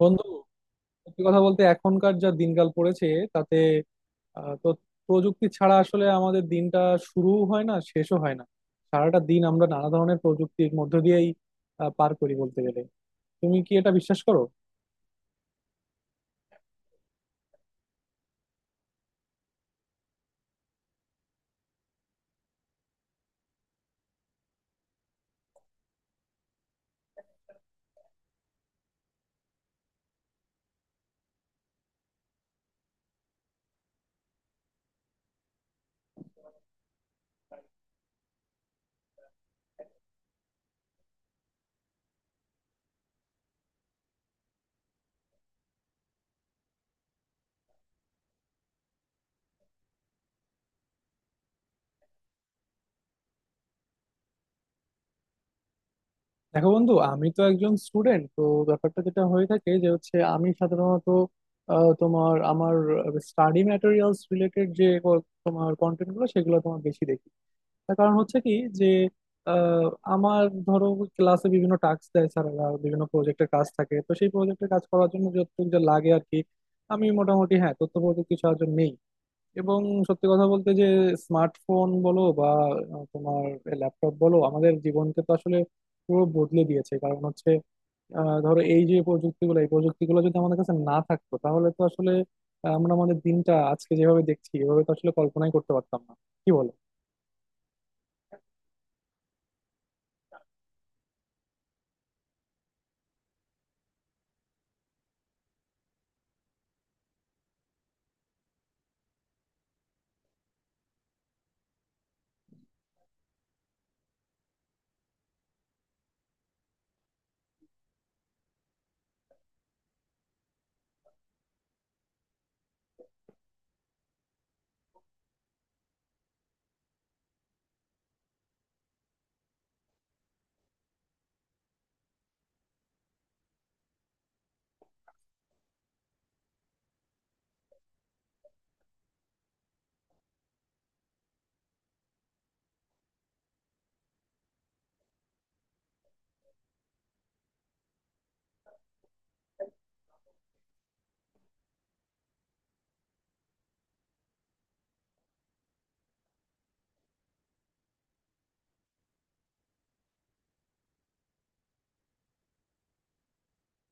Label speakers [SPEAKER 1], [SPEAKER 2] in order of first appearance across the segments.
[SPEAKER 1] বন্ধু, সত্যি কথা বলতে এখনকার যা দিনকাল পড়েছে তাতে তো প্রযুক্তি ছাড়া আসলে আমাদের দিনটা শুরুও হয় না, শেষও হয় না। সারাটা দিন আমরা নানা ধরনের প্রযুক্তির মধ্য দিয়েই পার করি বলতে গেলে। তুমি কি এটা বিশ্বাস করো? দেখো বন্ধু, আমি তো একজন স্টুডেন্ট। তো ব্যাপারটা যেটা হয়ে থাকে যে হচ্ছে আমি সাধারণত তোমার আমার স্টাডি ম্যাটেরিয়ালস রিলেটেড যে তোমার কন্টেন্ট গুলো, সেগুলো তোমার বেশি দেখি। তার কারণ হচ্ছে কি, যে আহ, আমার ধরো ক্লাসে বিভিন্ন টাস্ক দেয় স্যারেরা, বিভিন্ন প্রজেক্টের কাজ থাকে, তো সেই প্রজেক্টের কাজ করার জন্য যতটুকু যা লাগে আর কি, আমি মোটামুটি হ্যাঁ তথ্য প্রযুক্তির সাহায্য নেই। এবং সত্যি কথা বলতে যে স্মার্টফোন বলো বা তোমার ল্যাপটপ বলো, আমাদের জীবনকে তো আসলে পুরো বদলে দিয়েছে। কারণ হচ্ছে ধরো এই যে প্রযুক্তিগুলো, এই প্রযুক্তিগুলো যদি আমাদের কাছে না থাকতো তাহলে তো আসলে আমরা আমাদের দিনটা আজকে যেভাবে দেখছি এভাবে তো আসলে কল্পনাই করতে পারতাম না। কি বলো?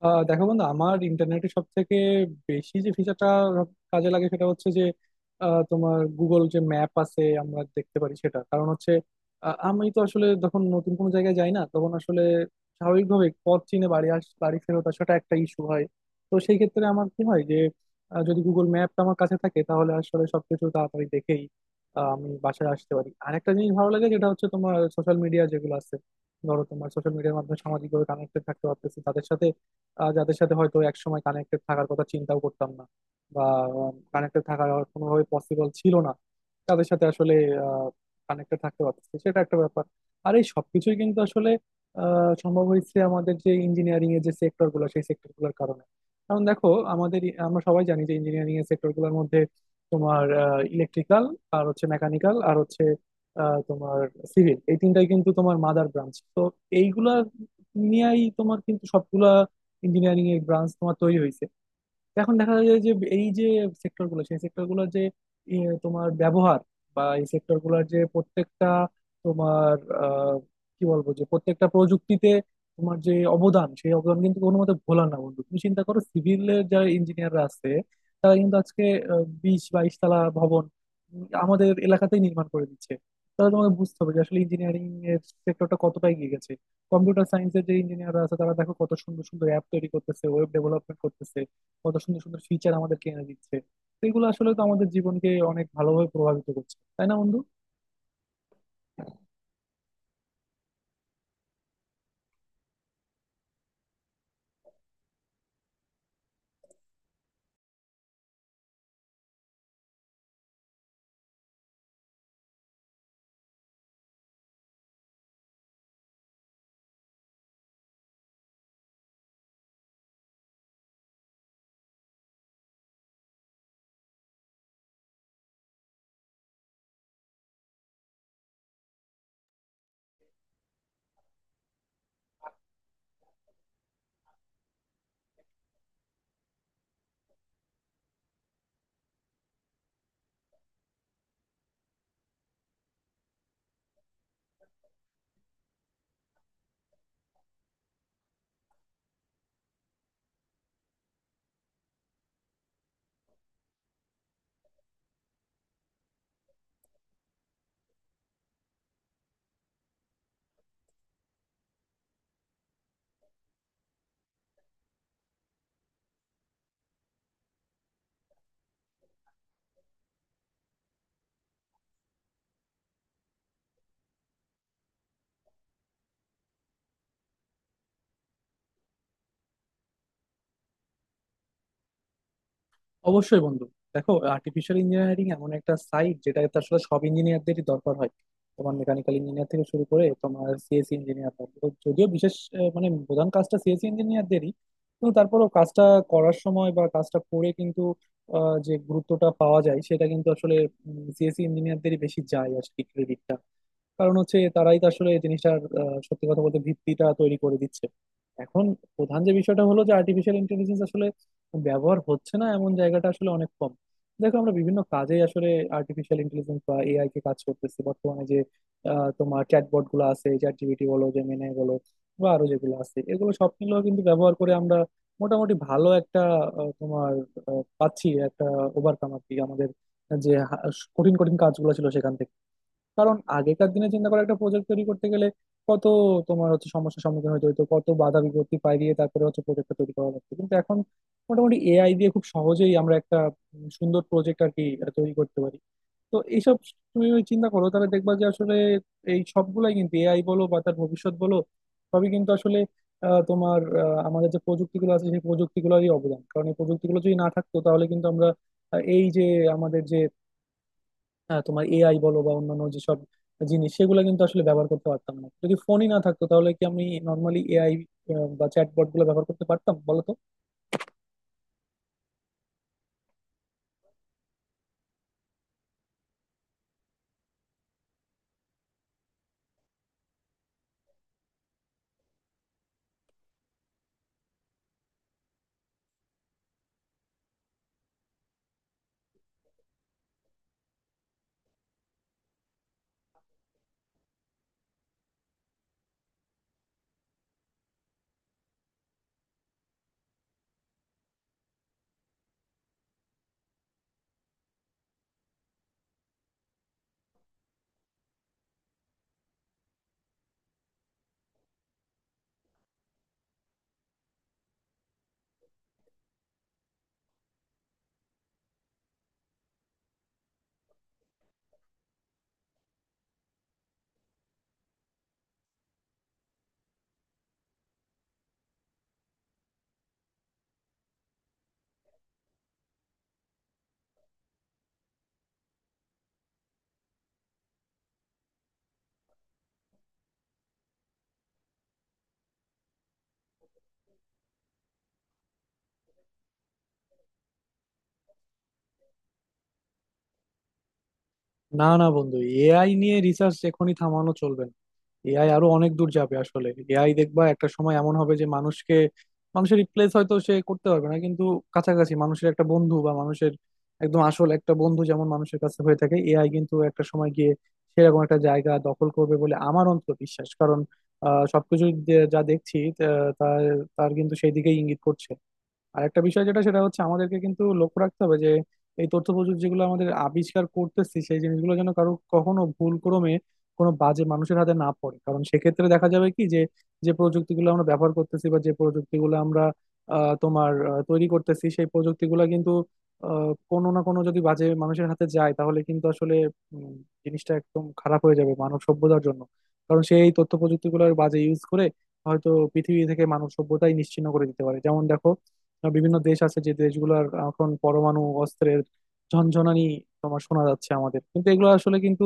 [SPEAKER 1] দেখো বন্ধু, আমার ইন্টারনেটে সব থেকে বেশি যে ফিচারটা কাজে লাগে সেটা হচ্ছে যে তোমার গুগল যে ম্যাপ আছে আমরা দেখতে পারি সেটা। কারণ হচ্ছে আমি তো আসলে যখন নতুন কোনো জায়গায় যাই না তখন আসলে স্বাভাবিকভাবে পথ চিনে বাড়ি ফেরত আসাটা একটা ইস্যু হয়। তো সেই ক্ষেত্রে আমার কি হয়, যে যদি গুগল ম্যাপটা আমার কাছে থাকে তাহলে আসলে সবকিছু তাড়াতাড়ি দেখেই আমি বাসায় আসতে পারি। আরেকটা জিনিস ভালো লাগে, যেটা হচ্ছে তোমার সোশ্যাল মিডিয়া যেগুলো আছে, ধরো তোমার সোশ্যাল মিডিয়ার মাধ্যমে সামাজিকভাবে কানেক্টেড থাকতে পারতেছি তাদের সাথে, যাদের সাথে হয়তো একসময় কানেক্টেড থাকার কথা চিন্তাও করতাম না, বা কানেক্টেড থাকার আর কোনোভাবে পসিবল ছিল না, তাদের সাথে আসলে কানেক্টে থাকতে পারতেছি, সেটা একটা ব্যাপার। আর এই সবকিছুই কিন্তু আসলে সম্ভব হয়েছে আমাদের যে ইঞ্জিনিয়ারিং এর যে সেক্টর গুলো, সেই সেক্টর গুলোর কারণে। কারণ দেখো, আমাদের আমরা সবাই জানি যে ইঞ্জিনিয়ারিং এর সেক্টর গুলোর মধ্যে তোমার ইলেকট্রিক্যাল, আর হচ্ছে মেকানিক্যাল, আর হচ্ছে তোমার সিভিল, এই তিনটাই কিন্তু তোমার মাদার ব্রাঞ্চ। তো এইগুলা নিয়েই তোমার কিন্তু সবগুলা ইঞ্জিনিয়ারিং এর ব্রাঞ্চ তোমার তৈরি হয়েছে। তো এখন দেখা যায় যে এই যে সেক্টর গুলো সেই সেক্টর গুলোর যে এ, তোমার ব্যবহার, বা এই সেক্টর গুলোর যে প্রত্যেকটা তোমার আহ, কি বলবো, যে প্রত্যেকটা প্রযুক্তিতে তোমার যে অবদান, সেই অবদান কিন্তু কোনো মতে ভোলা না বন্ধু। তুমি চিন্তা করো, সিভিলের যারা ইঞ্জিনিয়াররা আছে তারা কিন্তু আজকে 20-22 তলা ভবন আমাদের এলাকাতেই নির্মাণ করে দিচ্ছে। তাহলে তোমাকে বুঝতে হবে যে আসলে ইঞ্জিনিয়ারিং এর সেক্টরটা কতটা এগিয়ে গেছে। কম্পিউটার সায়েন্সের যে ইঞ্জিনিয়াররা আছে তারা দেখো কত সুন্দর সুন্দর অ্যাপ তৈরি করতেছে, ওয়েব ডেভেলপমেন্ট করতেছে, কত সুন্দর সুন্দর ফিচার আমাদেরকে এনে দিচ্ছে। তো এগুলো আসলে তো আমাদের জীবনকে অনেক ভালোভাবে প্রভাবিত করছে, তাই না বন্ধু? অবশ্যই বন্ধু। দেখো, আর্টিফিশিয়াল ইঞ্জিনিয়ারিং এমন একটা সাইড যেটা আসলে সব ইঞ্জিনিয়ারদেরই দরকার হয়, তোমার মেকানিক্যাল ইঞ্জিনিয়ার থেকে শুরু করে তোমার সিএসসি ইঞ্জিনিয়ার। যদিও বিশেষ মানে প্রধান কাজটা সিএসসি ইঞ্জিনিয়ারদেরই, কিন্তু তারপরেও কাজটা করার সময় বা কাজটা করে কিন্তু যে গুরুত্বটা পাওয়া যায় সেটা কিন্তু আসলে সিএসসি ইঞ্জিনিয়ারদেরই বেশি যায় আর কি, ক্রেডিটটা। কারণ হচ্ছে তারাই তো আসলে এই জিনিসটার সত্যি কথা বলতে ভিত্তিটা তৈরি করে দিচ্ছে। এখন প্রধান যে বিষয়টা হলো যে আর্টিফিশিয়াল ইন্টেলিজেন্স আসলে ব্যবহার হচ্ছে না এমন জায়গাটা আসলে অনেক কম। দেখো আমরা বিভিন্ন কাজে আসলে আর্টিফিশিয়াল ইন্টেলিজেন্স বা এআই কে কাজ করতেছি, বর্তমানে যে তোমার চ্যাটবট গুলো আছে, চ্যাট জিপিটি বলো, জেমিনাই বলো, বা আরো যেগুলো আছে, এগুলো সব মিলেও কিন্তু ব্যবহার করে আমরা মোটামুটি ভালো একটা আহ, তোমার পাচ্ছি, একটা ওভারকাম আর কি আমাদের যে কঠিন কঠিন কাজগুলো ছিল সেখান থেকে। কারণ আগেকার দিনে চিন্তা করে একটা প্রজেক্ট তৈরি করতে গেলে কত তোমার হচ্ছে সমস্যার সম্মুখীন হতে হতো, কত বাধা বিপত্তি পাইয়ে তারপরে হচ্ছে প্রজেক্টটা তৈরি করা লাগতো, কিন্তু এখন মোটামুটি এআই দিয়ে খুব সহজেই আমরা একটা সুন্দর প্রজেক্ট আর কি তৈরি করতে পারি। তো এইসব তুমি ওই চিন্তা করো তাহলে দেখবা যে আসলে এই সবগুলাই কিন্তু এআই বলো বা তার ভবিষ্যৎ বলো, সবই কিন্তু আসলে আমাদের যে প্রযুক্তিগুলো আছে সেই প্রযুক্তিগুলোরই অবদান। কারণ এই প্রযুক্তিগুলো যদি না থাকতো তাহলে কিন্তু আমরা এই যে আমাদের যে হ্যাঁ তোমার এআই বলো বা অন্যান্য যেসব জিনিস, সেগুলো কিন্তু আসলে ব্যবহার করতে পারতাম না। যদি ফোনই না থাকতো তাহলে কি আমি নর্মালি এআই বা চ্যাটবট গুলো ব্যবহার করতে পারতাম বলো তো? না, না বন্ধু, এআই নিয়ে রিসার্চ এখনই থামানো চলবে না। এআই আরো অনেক দূর যাবে। আসলে এআই দেখবা একটা সময় এমন হবে যে মানুষকে, মানুষের রিপ্লেস হয়তো সে করতে পারবে না, কিন্তু কাছাকাছি মানুষের একটা বন্ধু বা মানুষের একদম আসল একটা বন্ধু যেমন মানুষের কাছে হয়ে থাকে, এআই কিন্তু একটা সময় গিয়ে সেরকম একটা জায়গা দখল করবে বলে আমার অন্তত বিশ্বাস। কারণ সবকিছু যা দেখছি তা- তার তার কিন্তু সেই দিকেই ইঙ্গিত করছে। আর একটা বিষয় যেটা, সেটা হচ্ছে আমাদেরকে কিন্তু লক্ষ্য রাখতে হবে যে এই তথ্য প্রযুক্তি যেগুলো আমাদের আবিষ্কার করতেছি, সেই জিনিসগুলো যেন কারো কখনো ভুল ক্রমে কোনো বাজে মানুষের হাতে না পড়ে। কারণ সেক্ষেত্রে দেখা যাবে কি, যে যে প্রযুক্তিগুলো আমরা ব্যবহার করতেছি বা যে প্রযুক্তিগুলো আমরা তৈরি করতেছি, সেই প্রযুক্তিগুলো কিন্তু কোনো না কোনো, যদি বাজে মানুষের হাতে যায় তাহলে কিন্তু আসলে উম, জিনিসটা একদম খারাপ হয়ে যাবে মানব সভ্যতার জন্য। কারণ সেই তথ্য প্রযুক্তিগুলোর বাজে ইউজ করে হয়তো পৃথিবী থেকে মানব সভ্যতাই নিশ্চিহ্ন করে দিতে পারে। যেমন দেখো, বিভিন্ন দেশ আছে যে দেশগুলোর এখন পরমাণু অস্ত্রের ঝনঝনানি তোমার শোনা যাচ্ছে। আমাদের কিন্তু এগুলো আসলে কিন্তু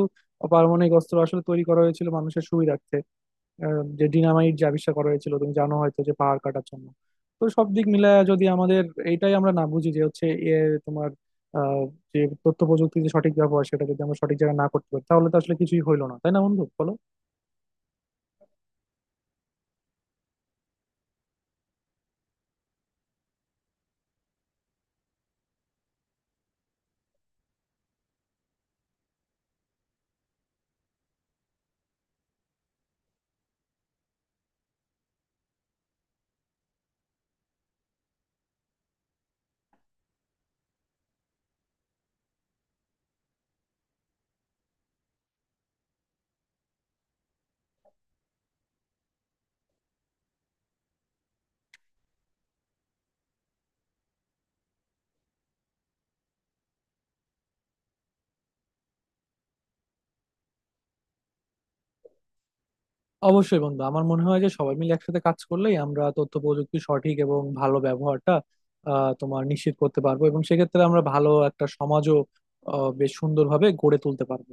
[SPEAKER 1] পারমাণবিক অস্ত্র আসলে তৈরি করা হয়েছিল মানুষের সুবিধার্থে। যে ডিনামাইট যে আবিষ্কার করা হয়েছিল তুমি জানো হয়তো, যে পাহাড় কাটার জন্য। তো সব দিক মিলায় যদি আমাদের এইটাই আমরা না বুঝি যে হচ্ছে এ তোমার আহ, যে তথ্য প্রযুক্তির যে সঠিক ব্যবহার, সেটা যদি আমরা সঠিক জায়গায় না করতে পারি তাহলে তো আসলে কিছুই হইলো না, তাই না বন্ধু, বলো। অবশ্যই বন্ধু, আমার মনে হয় যে সবাই মিলে একসাথে কাজ করলেই আমরা তথ্য প্রযুক্তির সঠিক এবং ভালো ব্যবহারটা তোমার নিশ্চিত করতে পারবো, এবং সেক্ষেত্রে আমরা ভালো একটা সমাজও বেশ সুন্দরভাবে গড়ে তুলতে পারবো।